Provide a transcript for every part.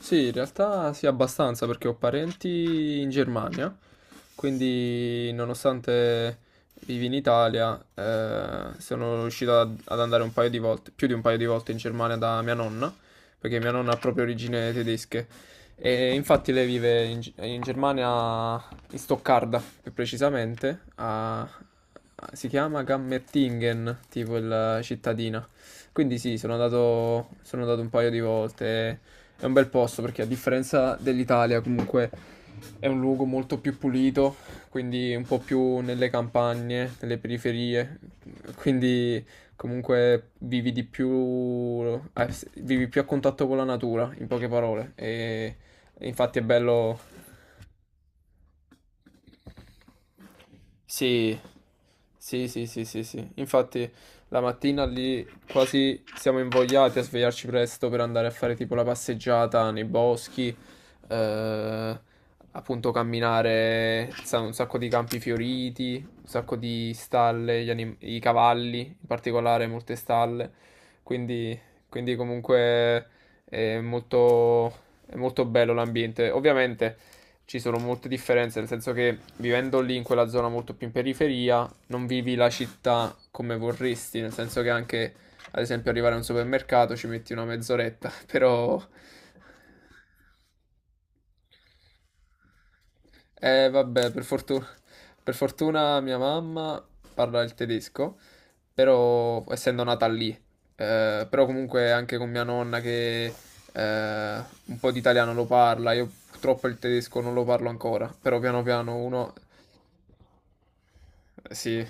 Sì, in realtà sì, abbastanza perché ho parenti in Germania, quindi nonostante vivi in Italia, sono riuscito ad andare un paio di volte, più di un paio di volte in Germania da mia nonna, perché mia nonna ha proprio origini tedesche. E infatti lei vive in, in Germania, in Stoccarda più precisamente, si chiama Gammertingen, tipo la cittadina. Quindi sì, sono andato un paio di volte. È un bel posto perché a differenza dell'Italia comunque è un luogo molto più pulito, quindi un po' più nelle campagne, nelle periferie, quindi comunque vivi di più, eh, vivi più a contatto con la natura, in poche parole. E infatti è bello. Sì, sì, sì, sì, sì, sì. Infatti la mattina lì quasi siamo invogliati a svegliarci presto per andare a fare tipo la passeggiata nei boschi, eh, appunto camminare, un sacco di campi fioriti, un sacco di stalle, i cavalli, in particolare molte stalle. Quindi, quindi comunque è molto, è molto bello l'ambiente. Ovviamente ci sono molte differenze, nel senso che vivendo lì in quella zona molto più in periferia, non vivi la città come vorresti, nel senso che anche, ad esempio, arrivare a un supermercato ci metti una mezz'oretta, però vabbè, per fortuna mia mamma parla il tedesco, però essendo nata lì, però comunque anche con mia nonna che un po' di italiano lo parla, io purtroppo il tedesco non lo parlo ancora, però piano piano uno, sì.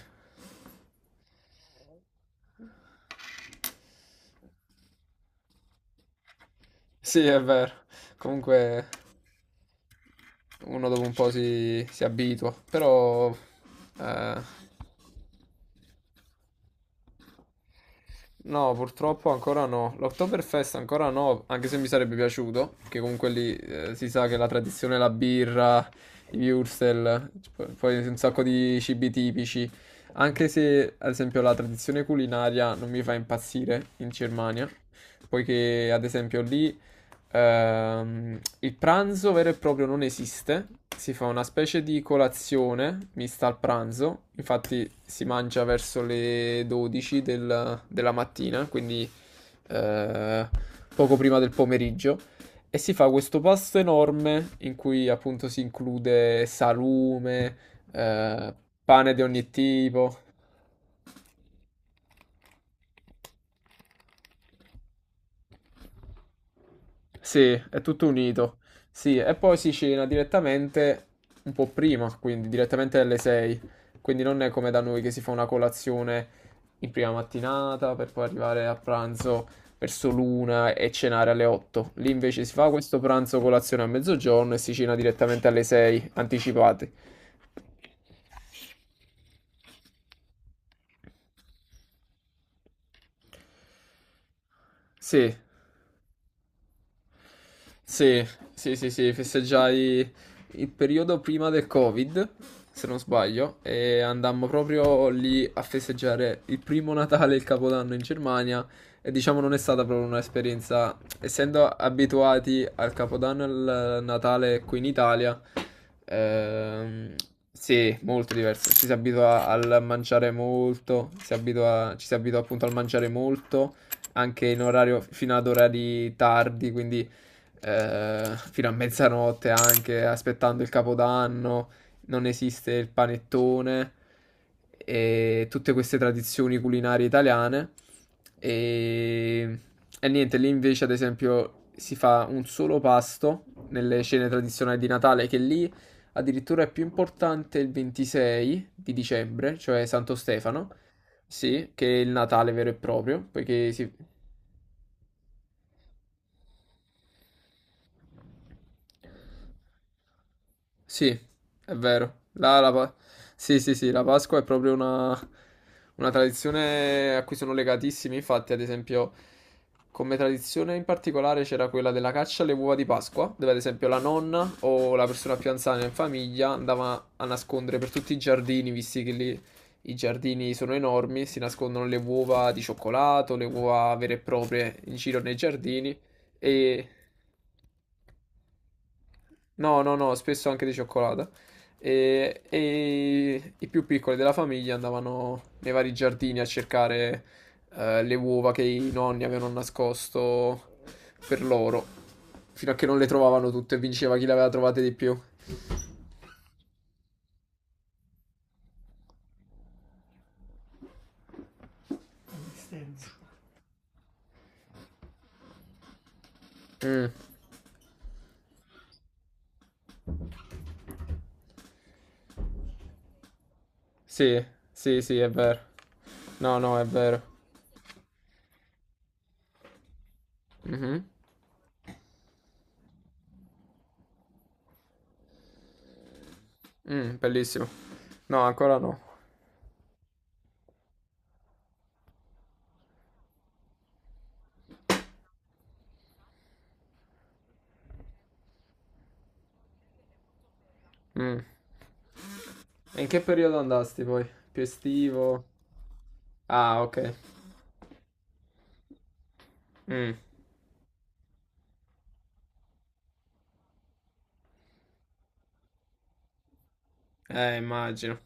Sì, è vero. Comunque uno dopo un po' si abitua. Però eh, no, purtroppo ancora no. L'Oktoberfest ancora no, anche se mi sarebbe piaciuto, perché comunque lì si sa che la tradizione è la birra, i würstel, poi un sacco di cibi tipici. Anche se, ad esempio, la tradizione culinaria non mi fa impazzire in Germania, poiché, ad esempio, lì il pranzo vero e proprio non esiste, si fa una specie di colazione mista al pranzo, infatti si mangia verso le 12 della mattina, quindi eh, poco prima del pomeriggio, e si fa questo pasto enorme in cui appunto si include salume, eh, pane di ogni tipo. Sì, è tutto unito. Sì, e poi si cena direttamente un po' prima, quindi direttamente alle 6. Quindi non è come da noi che si fa una colazione in prima mattinata per poi arrivare a pranzo verso l'una e cenare alle 8. Lì invece si fa questo pranzo colazione a mezzogiorno e si cena direttamente alle 6, anticipati. Sì. Sì, sì, sì, sì, festeggiai il periodo prima del Covid, se non sbaglio, e andammo proprio lì a festeggiare il primo Natale e il Capodanno in Germania e diciamo non è stata proprio un'esperienza, essendo abituati al Capodanno e al Natale qui in Italia, ehm, sì, molto diverso, ci si abitua al mangiare molto, ci si abitua appunto al mangiare molto, anche in orario fino ad orari tardi, quindi fino a mezzanotte anche, aspettando il Capodanno, non esiste il panettone e tutte queste tradizioni culinarie italiane. E, e niente, lì invece, ad esempio, si fa un solo pasto nelle cene tradizionali di Natale, che lì addirittura è più importante il 26 di dicembre, cioè Santo Stefano, sì, che è il Natale vero e proprio, poiché si. Sì, è vero. Sì, sì, sì, la Pasqua è proprio una tradizione a cui sono legatissimi. Infatti, ad esempio, come tradizione in particolare c'era quella della caccia alle uova di Pasqua, dove ad esempio la nonna o la persona più anziana in famiglia andava a nascondere per tutti i giardini, visti che lì i giardini sono enormi, si nascondono le uova di cioccolato, le uova vere e proprie in giro nei giardini e. No, no, no, spesso anche di cioccolata. E i più piccoli della famiglia andavano nei vari giardini a cercare le uova che i nonni avevano nascosto per loro, fino a che non le trovavano tutte e vinceva chi le aveva trovate di più. Mm, sì, sì, sì, è vero. No, no, è vero. Mhm. Mm, bellissimo. No, ancora no. Mm. E in che periodo andasti poi? Più estivo? Ah, ok. Mm. Immagino.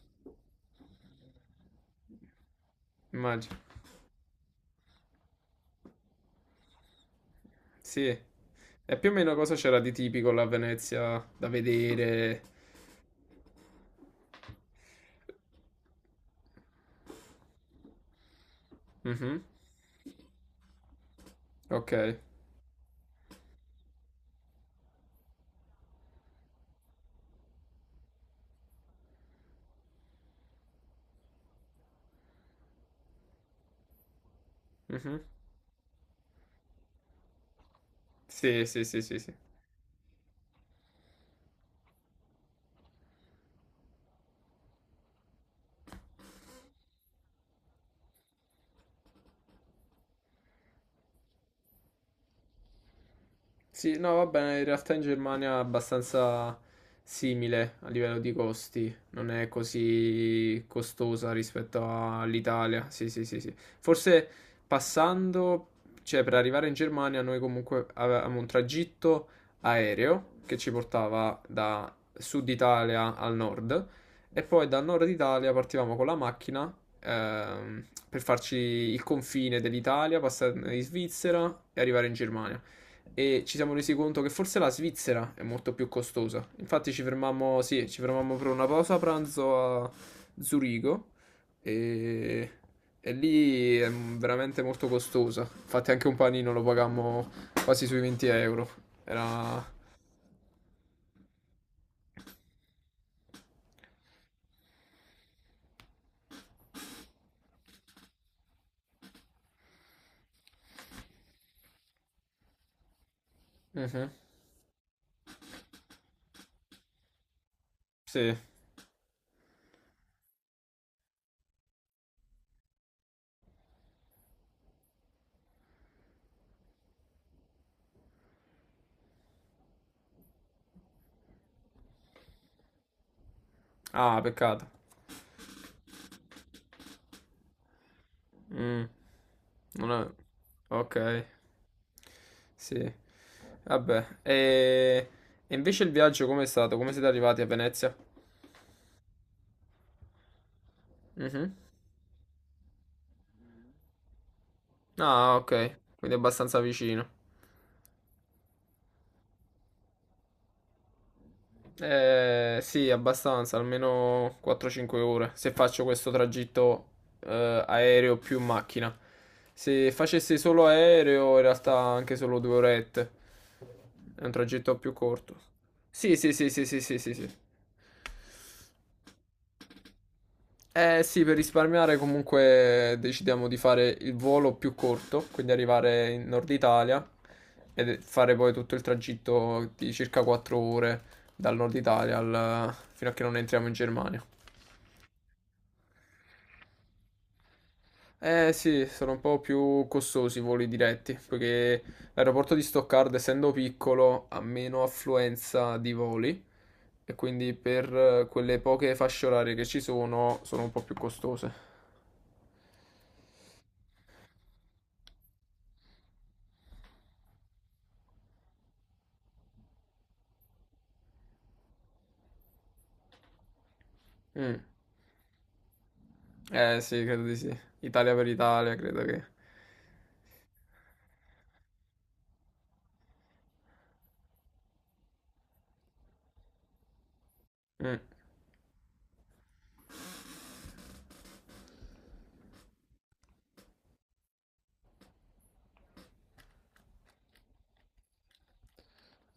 Immagino. Sì. E più o meno cosa c'era di tipico la Venezia da vedere? Mhm. Ok. Mhm. Sì, sì, sì, sì, sì. Sì, no, va bene, in realtà in Germania è abbastanza simile a livello di costi, non è così costosa rispetto all'Italia. Sì, sì, sì, sì. Forse passando, cioè per arrivare in Germania noi comunque avevamo un tragitto aereo che ci portava da sud Italia al nord e poi dal nord Italia partivamo con la macchina per farci il confine dell'Italia, passare in Svizzera e arrivare in Germania e ci siamo resi conto che forse la Svizzera è molto più costosa. Infatti ci fermammo, sì, ci fermammo per una pausa pranzo a Zurigo e, e lì è veramente molto costosa. Infatti anche un panino lo pagammo quasi sui 20 euro. Era... Mhm, sì. Ah, peccato. Mm, non è... Ok. Sì. Vabbè. E invece il viaggio com'è stato? Come siete arrivati a Venezia? Mhm. Ah, ok, quindi abbastanza vicino. Sì, abbastanza, almeno 4-5 ore, se faccio questo tragitto aereo più macchina. Se facessi solo aereo, in realtà anche solo 2 orette. È un tragitto più corto. Sì, sì, sì, sì, sì, sì, sì, sì. Eh sì, per risparmiare comunque decidiamo di fare il volo più corto, quindi arrivare in Nord Italia e fare poi tutto il tragitto di circa 4 ore dal Nord Italia fino a che non entriamo in Germania. Eh sì, sono un po' più costosi i voli diretti, poiché l'aeroporto di Stoccarda, essendo piccolo, ha meno affluenza di voli e quindi per quelle poche fasce orarie che ci sono, sono un po' più costose. Mm. Eh sì, credo di sì. Italia per Italia, credo che... Mm.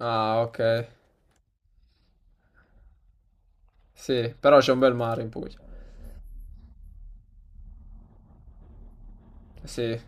Ah, ok. Sì, però c'è un bel mare in Puglia. Sì,